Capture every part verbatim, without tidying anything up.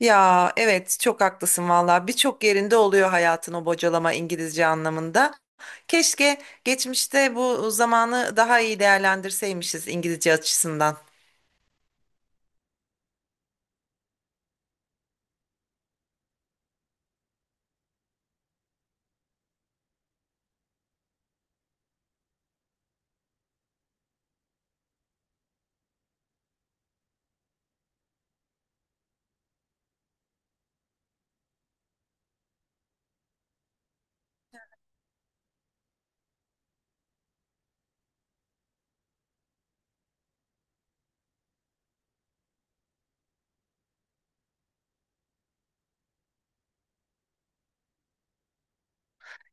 Ya evet çok haklısın valla birçok yerinde oluyor hayatın o bocalama İngilizce anlamında. Keşke geçmişte bu zamanı daha iyi değerlendirseymişiz İngilizce açısından.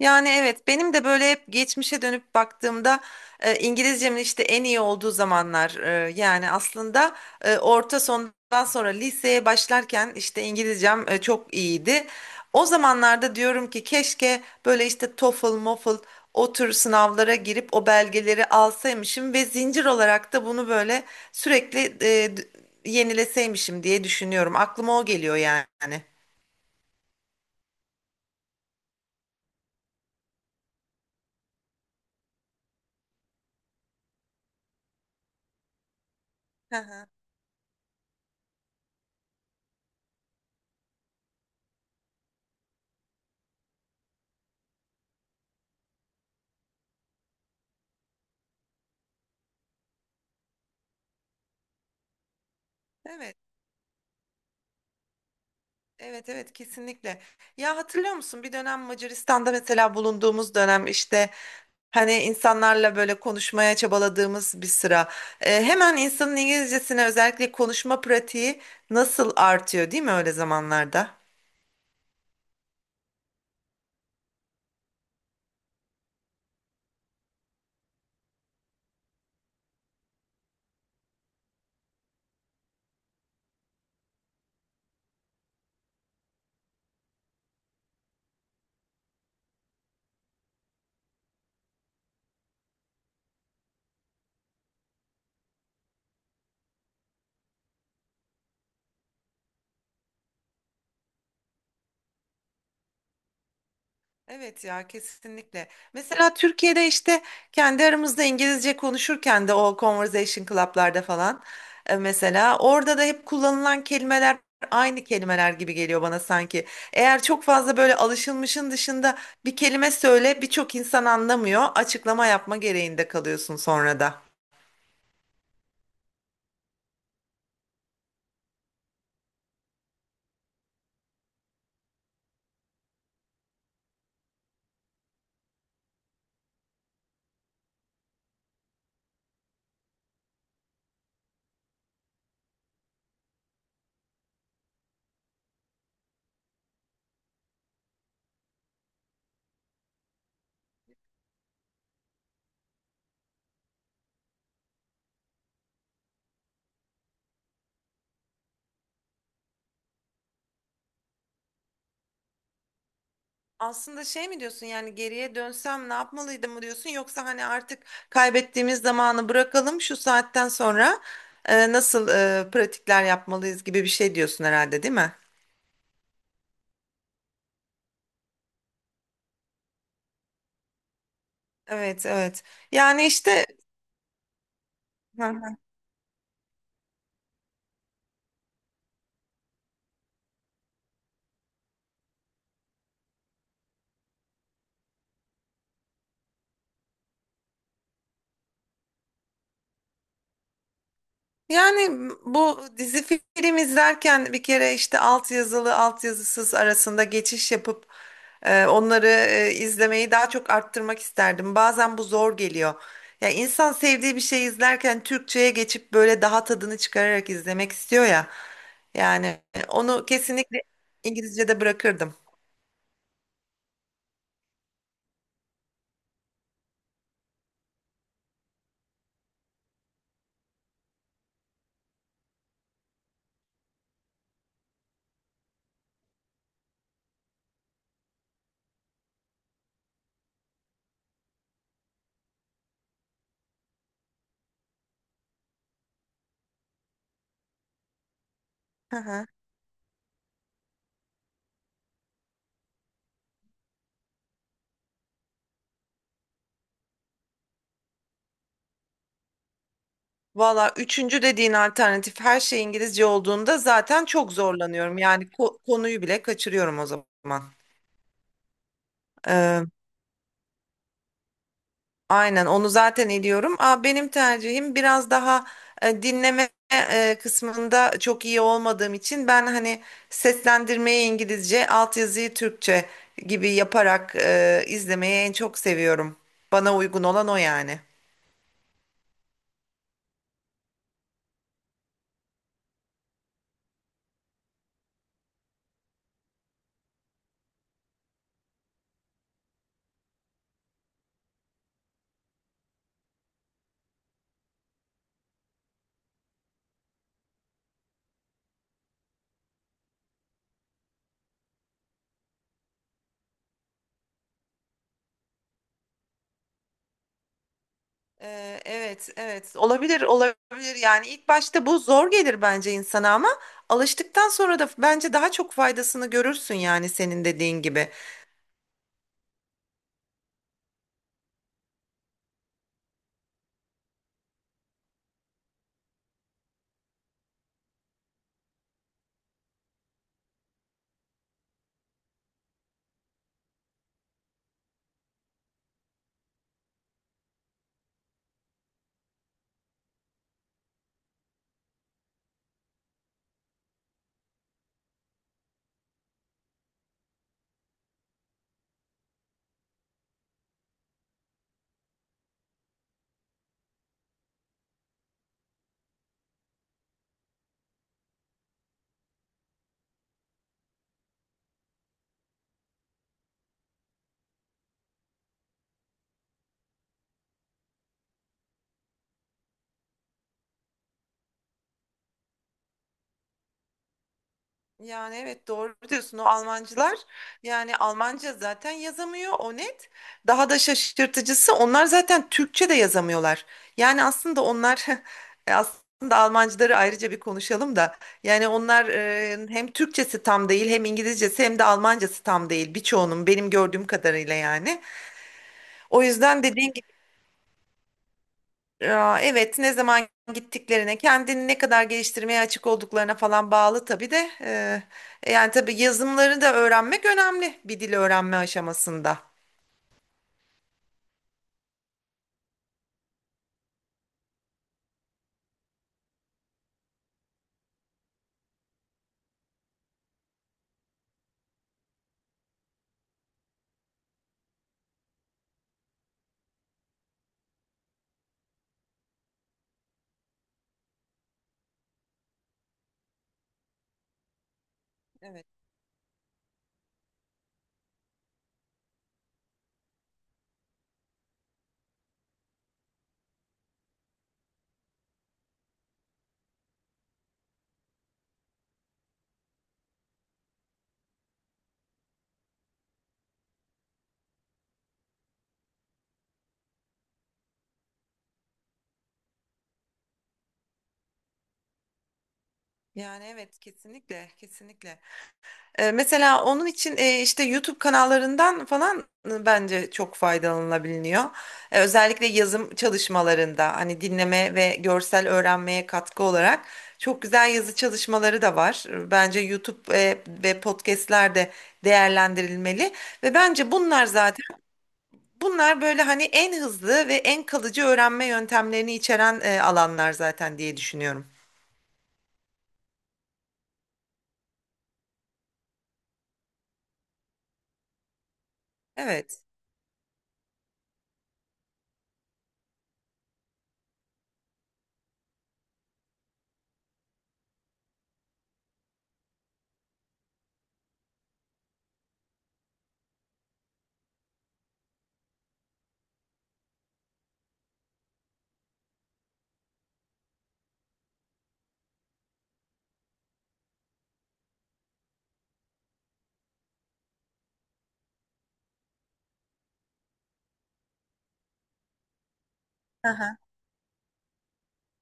Yani evet benim de böyle hep geçmişe dönüp baktığımda e, İngilizcemin işte en iyi olduğu zamanlar e, yani aslında e, orta sondan sonra liseye başlarken işte İngilizcem e, çok iyiydi. O zamanlarda diyorum ki keşke böyle işte TOEFL, M O F L o tür sınavlara girip o belgeleri alsaymışım ve zincir olarak da bunu böyle sürekli e, d- yenileseymişim diye düşünüyorum. Aklıma o geliyor yani. Hı hı. Evet. Evet, evet, kesinlikle. Ya hatırlıyor musun bir dönem Macaristan'da mesela bulunduğumuz dönem işte hani insanlarla böyle konuşmaya çabaladığımız bir sıra. E, hemen insanın İngilizcesine özellikle konuşma pratiği nasıl artıyor değil mi öyle zamanlarda? Evet ya kesinlikle. Mesela Türkiye'de işte kendi aramızda İngilizce konuşurken de o conversation club'larda falan e, mesela orada da hep kullanılan kelimeler aynı kelimeler gibi geliyor bana sanki. Eğer çok fazla böyle alışılmışın dışında bir kelime söyle birçok insan anlamıyor. Açıklama yapma gereğinde kalıyorsun sonra da. Aslında şey mi diyorsun yani geriye dönsem ne yapmalıydım mı diyorsun yoksa hani artık kaybettiğimiz zamanı bırakalım şu saatten sonra e, nasıl e, pratikler yapmalıyız gibi bir şey diyorsun herhalde değil mi? Evet, evet, yani işte yani bu dizi film izlerken bir kere işte altyazılı altyazısız arasında geçiş yapıp e, onları e, izlemeyi daha çok arttırmak isterdim. Bazen bu zor geliyor. Ya insan sevdiği bir şey izlerken Türkçe'ye geçip böyle daha tadını çıkararak izlemek istiyor ya. Yani onu kesinlikle İngilizce'de bırakırdım. Hı hı. Valla üçüncü dediğin alternatif her şey İngilizce olduğunda zaten çok zorlanıyorum. Yani ko- konuyu bile kaçırıyorum o zaman. Aynen onu zaten ediyorum. Aa, benim tercihim biraz daha e, dinleme e, kısmında çok iyi olmadığım için ben hani seslendirmeyi İngilizce, altyazıyı Türkçe gibi yaparak e, izlemeyi en çok seviyorum. Bana uygun olan o yani. Ee, evet, evet. Olabilir, olabilir. Yani ilk başta bu zor gelir bence insana ama alıştıktan sonra da bence daha çok faydasını görürsün yani senin dediğin gibi. Yani evet doğru diyorsun o Almancılar yani Almanca zaten yazamıyor o net. Daha da şaşırtıcısı onlar zaten Türkçe de yazamıyorlar. Yani aslında onlar e, aslında Almancıları ayrıca bir konuşalım da yani onlar e, hem Türkçesi tam değil hem İngilizcesi hem de Almancası tam değil birçoğunun benim gördüğüm kadarıyla yani. O yüzden dediğin ya, evet ne zaman gittiklerine, kendini ne kadar geliştirmeye açık olduklarına falan bağlı tabii de. E, yani tabii yazımları da öğrenmek önemli bir dil öğrenme aşamasında. Evet. Yani evet, kesinlikle kesinlikle. E, mesela onun için e, işte YouTube kanallarından falan e, bence çok faydalanılabiliyor. E, özellikle yazım çalışmalarında hani dinleme ve görsel öğrenmeye katkı olarak çok güzel yazı çalışmaları da var. E, Bence YouTube e, ve podcastler de değerlendirilmeli ve bence bunlar zaten bunlar böyle hani en hızlı ve en kalıcı öğrenme yöntemlerini içeren e, alanlar zaten diye düşünüyorum. Evet.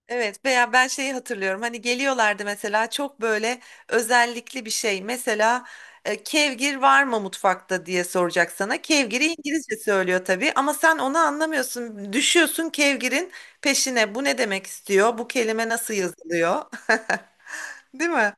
Evet veya ben şeyi hatırlıyorum hani geliyorlardı mesela çok böyle özellikli bir şey mesela e, kevgir var mı mutfakta diye soracak sana, kevgiri İngilizce söylüyor tabii ama sen onu anlamıyorsun, düşüyorsun kevgirin peşine, bu ne demek istiyor, bu kelime nasıl yazılıyor? Değil mi?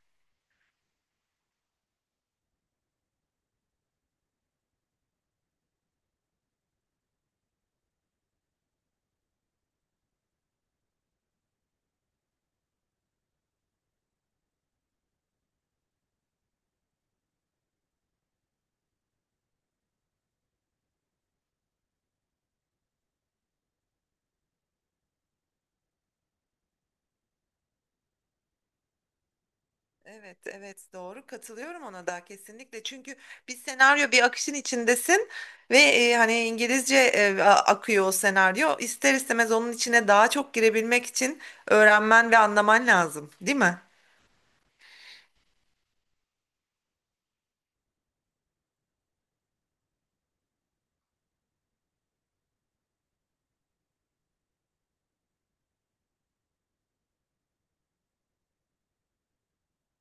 Evet, evet, doğru katılıyorum ona da kesinlikle. Çünkü bir senaryo bir akışın içindesin ve e, hani İngilizce e, a- akıyor o senaryo. İster istemez onun içine daha çok girebilmek için öğrenmen ve anlaman lazım, değil mi?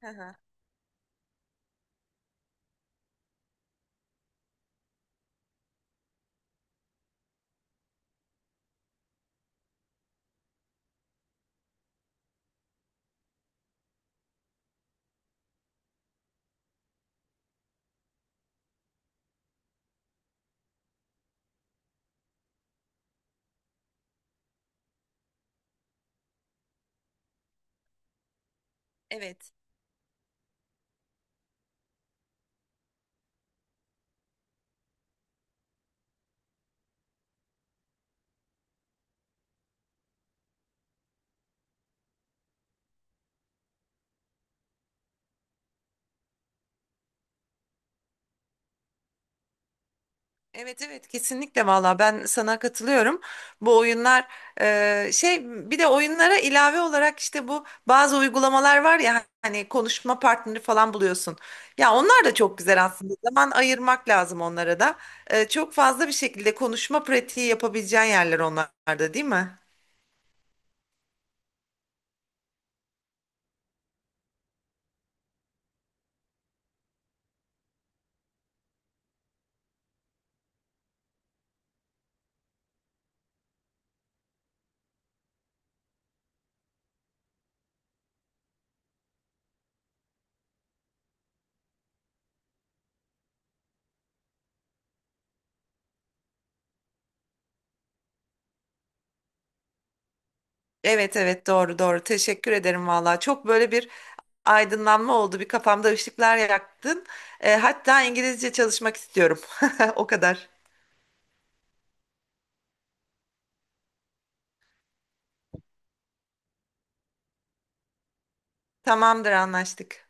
Hı hı. Evet. Evet, evet, kesinlikle valla ben sana katılıyorum. Bu oyunlar e, şey bir de oyunlara ilave olarak işte bu bazı uygulamalar var ya hani konuşma partneri falan buluyorsun. Ya onlar da çok güzel aslında. Zaman ayırmak lazım onlara da. E, çok fazla bir şekilde konuşma pratiği yapabileceğin yerler onlarda değil mi? Evet, evet, doğru doğru, teşekkür ederim valla. Çok böyle bir aydınlanma oldu, bir kafamda ışıklar yaktın. E, hatta İngilizce çalışmak istiyorum. O kadar. Tamamdır, anlaştık.